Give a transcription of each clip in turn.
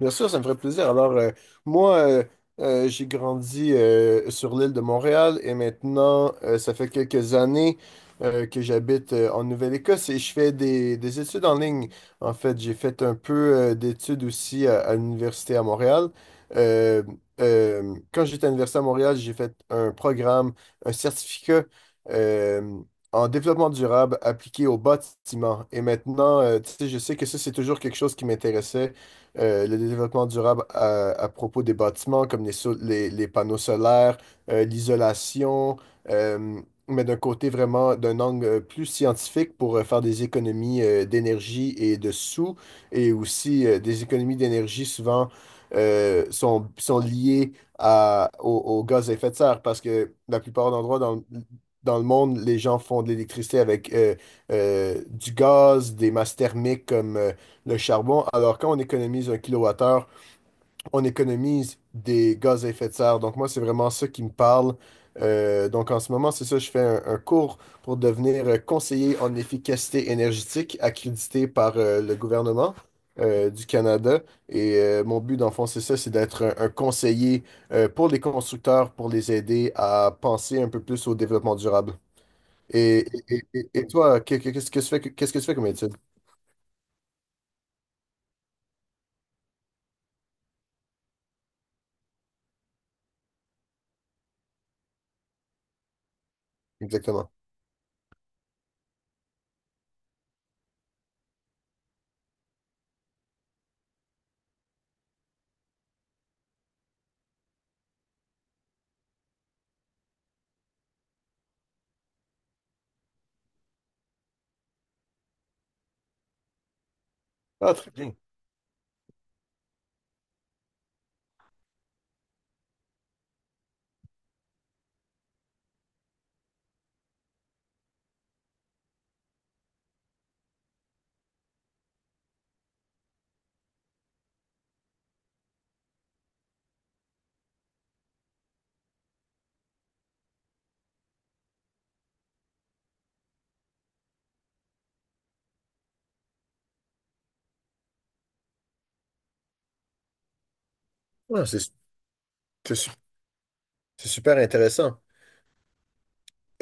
Bien sûr, ça me ferait plaisir. Alors, moi, j'ai grandi sur l'île de Montréal et maintenant, ça fait quelques années que j'habite en Nouvelle-Écosse et je fais des études en ligne. En fait, j'ai fait un peu d'études aussi à l'université à Montréal. Euh, quand j'étais à l'université à Montréal, j'ai fait un programme, un certificat euh, en développement durable appliqué au bâtiment. Et maintenant, tu sais, je sais que ça, c'est toujours quelque chose qui m'intéressait, le développement durable à propos des bâtiments, comme les, les panneaux solaires, l'isolation, euh, mais d'un côté vraiment, d'un angle plus scientifique pour faire des économies d'énergie et de sous, et aussi des économies d'énergie souvent sont liées à, au, au gaz à effet de serre, parce que la plupart d'endroits dans, dans le monde, les gens font de l'électricité avec du gaz, des masses thermiques comme... le charbon. Alors, quand on économise un kilowattheure, on économise des gaz à effet de serre. Donc, moi, c'est vraiment ça qui me parle. Donc, en ce moment, c'est ça, je fais un cours pour devenir conseiller en efficacité énergétique accrédité par le gouvernement du Canada. Et mon but, dans le fond, c'est ça, c'est d'être un conseiller pour les constructeurs, pour les aider à penser un peu plus au développement durable. Et toi, qu'est-ce que tu fais, qu'est-ce que tu fais comme étude exactement? Ah, très bien. Ah, c'est C'est su- c'est super intéressant.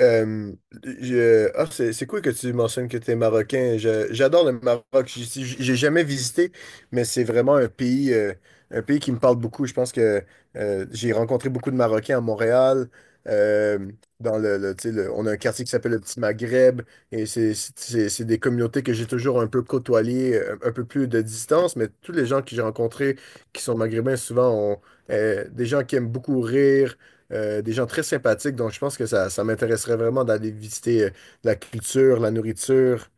Euh, ah, c'est cool que tu mentionnes que tu es marocain. J'adore le Maroc. J'ai jamais visité, mais c'est vraiment un pays qui me parle beaucoup. Je pense que j'ai rencontré beaucoup de Marocains à Montréal. euh, dans tu sais, on a un quartier qui s'appelle le Petit Maghreb et c'est des communautés que j'ai toujours un peu côtoyées, un, peu plus de distance, mais tous les gens que j'ai rencontrés qui sont maghrébins, souvent, ont des gens qui aiment beaucoup rire, des gens très sympathiques. Donc, je pense que ça m'intéresserait vraiment d'aller visiter la culture, la nourriture.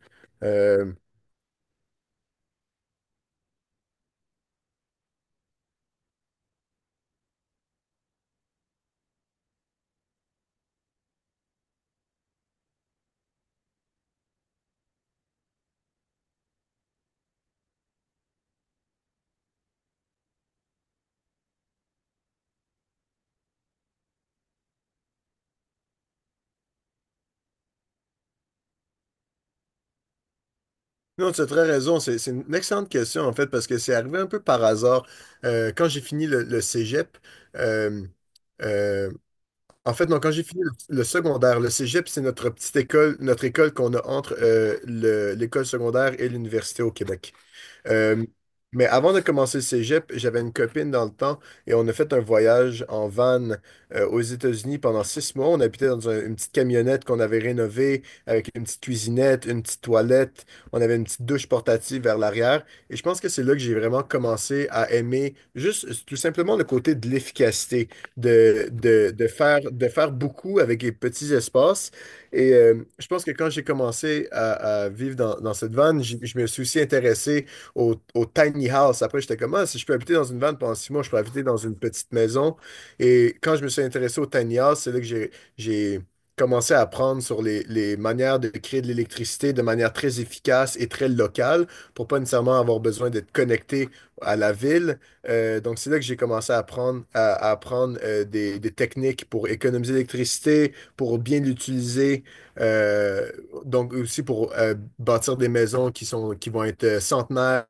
Euh, Non, tu as très raison. C'est une excellente question, en fait, parce que c'est arrivé un peu par hasard. Quand j'ai fini le cégep, euh, euh, en fait, non, quand j'ai fini le secondaire, le cégep, c'est notre petite école, notre école qu'on a entre l'école secondaire et l'université au Québec. Euh, mais avant de commencer le cégep, j'avais une copine dans le temps et on a fait un voyage en van aux États-Unis pendant 6 mois. On habitait dans une petite camionnette qu'on avait rénovée avec une petite cuisinette, une petite toilette. On avait une petite douche portative vers l'arrière. Et je pense que c'est là que j'ai vraiment commencé à aimer juste tout simplement le côté de l'efficacité, de faire beaucoup avec les petits espaces. Et je pense que quand j'ai commencé à vivre dans cette van, je me suis aussi intéressé au, au tiny house. Après, j'étais comme, ah, si je peux habiter dans une van pendant 6 mois, je peux habiter dans une petite maison. Et quand je me suis intéressé au tiny house, c'est là que j'ai commencé à apprendre sur les manières de créer de l'électricité de manière très efficace et très locale pour pas nécessairement avoir besoin d'être connecté à la ville. Donc, c'est là que j'ai commencé à apprendre des techniques pour économiser l'électricité, pour bien l'utiliser, euh, donc aussi pour bâtir des maisons qui sont, qui vont être centenaires,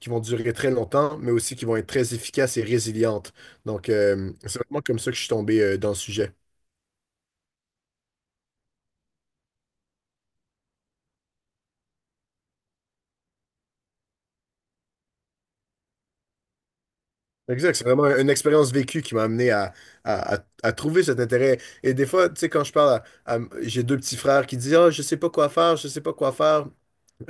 qui vont durer très longtemps, mais aussi qui vont être très efficaces et résilientes. Donc c'est vraiment comme ça que je suis tombé dans le sujet. Exact, c'est vraiment une expérience vécue qui m'a amené à, à trouver cet intérêt. Et des fois, tu sais, quand je parle à, j'ai 2 petits frères qui disent, ah, je sais pas quoi faire, je sais pas quoi faire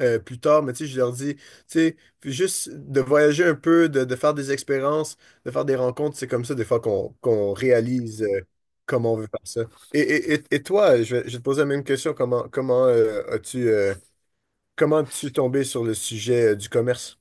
plus tard, mais tu sais, je leur dis, tu sais, puis juste de voyager un peu, de faire des expériences, de faire des rencontres, c'est comme ça des fois qu'on réalise comment on veut faire ça. Et toi, je vais te poser la même question, comment as-tu comment es-tu tombé sur le sujet du commerce?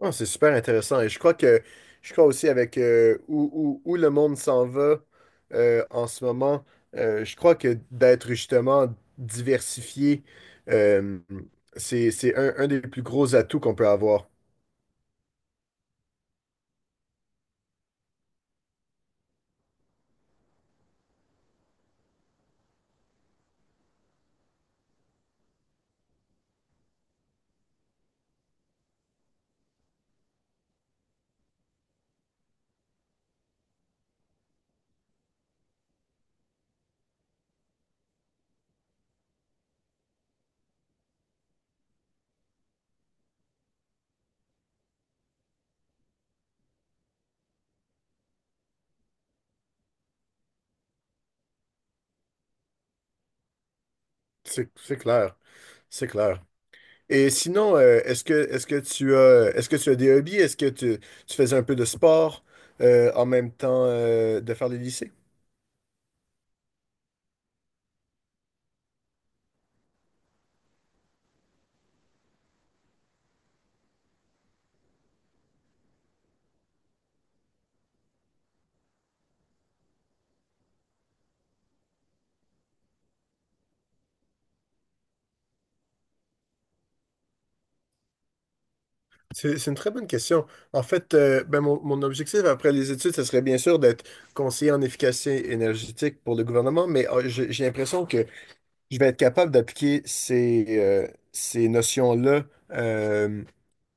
Ah, c'est super intéressant. Et je crois aussi avec où le monde s'en va en ce moment, je crois que d'être justement diversifié, euh, c'est un des plus gros atouts qu'on peut avoir. C'est clair. C'est clair. Et sinon, est-ce que est-ce que tu as des hobbies? Est-ce que tu faisais un peu de sport en même temps de faire les lycées? C'est une très bonne question. En fait, ben, mon objectif après les études, ce serait bien sûr d'être conseiller en efficacité énergétique pour le gouvernement, mais j'ai l'impression que je vais être capable d'appliquer ces, ces notions-là euh,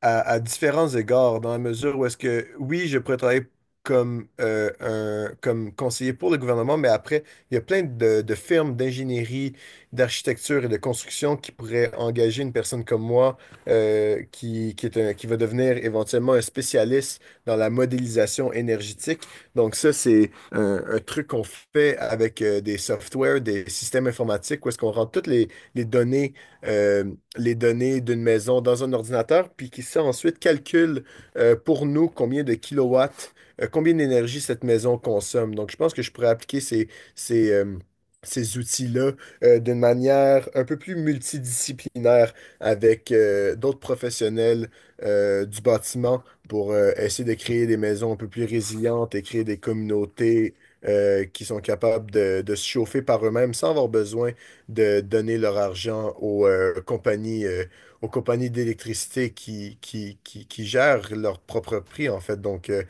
à différents égards, dans la mesure où est-ce que, oui, je pourrais travailler comme, comme conseiller pour le gouvernement, mais après, il y a plein de firmes d'ingénierie, d'architecture et de construction qui pourraient engager une personne comme moi qui va devenir éventuellement un spécialiste dans la modélisation énergétique. Donc ça, c'est, un truc qu'on fait avec des softwares, des systèmes informatiques, où est-ce qu'on rentre toutes les données, euh, les données d'une maison dans un ordinateur, puis qui ça ensuite calcule pour nous combien de kilowatts, combien d'énergie cette maison consomme. Donc, je pense que je pourrais appliquer ces, euh, ces outils-là d'une manière un peu plus multidisciplinaire avec d'autres professionnels du bâtiment pour essayer de créer des maisons un peu plus résilientes et créer des communautés qui sont capables de se chauffer par eux-mêmes sans avoir besoin de donner leur argent aux compagnies, aux compagnies d'électricité qui gèrent leur propre prix, en fait. Donc,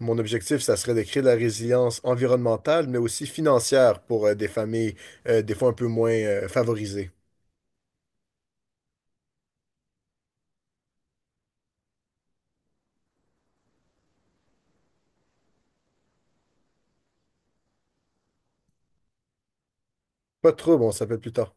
mon objectif, ça serait de créer de la résilience environnementale, mais aussi financière pour des familles des fois un peu moins favorisées. Pas trop, bon, ça peut être plus tard.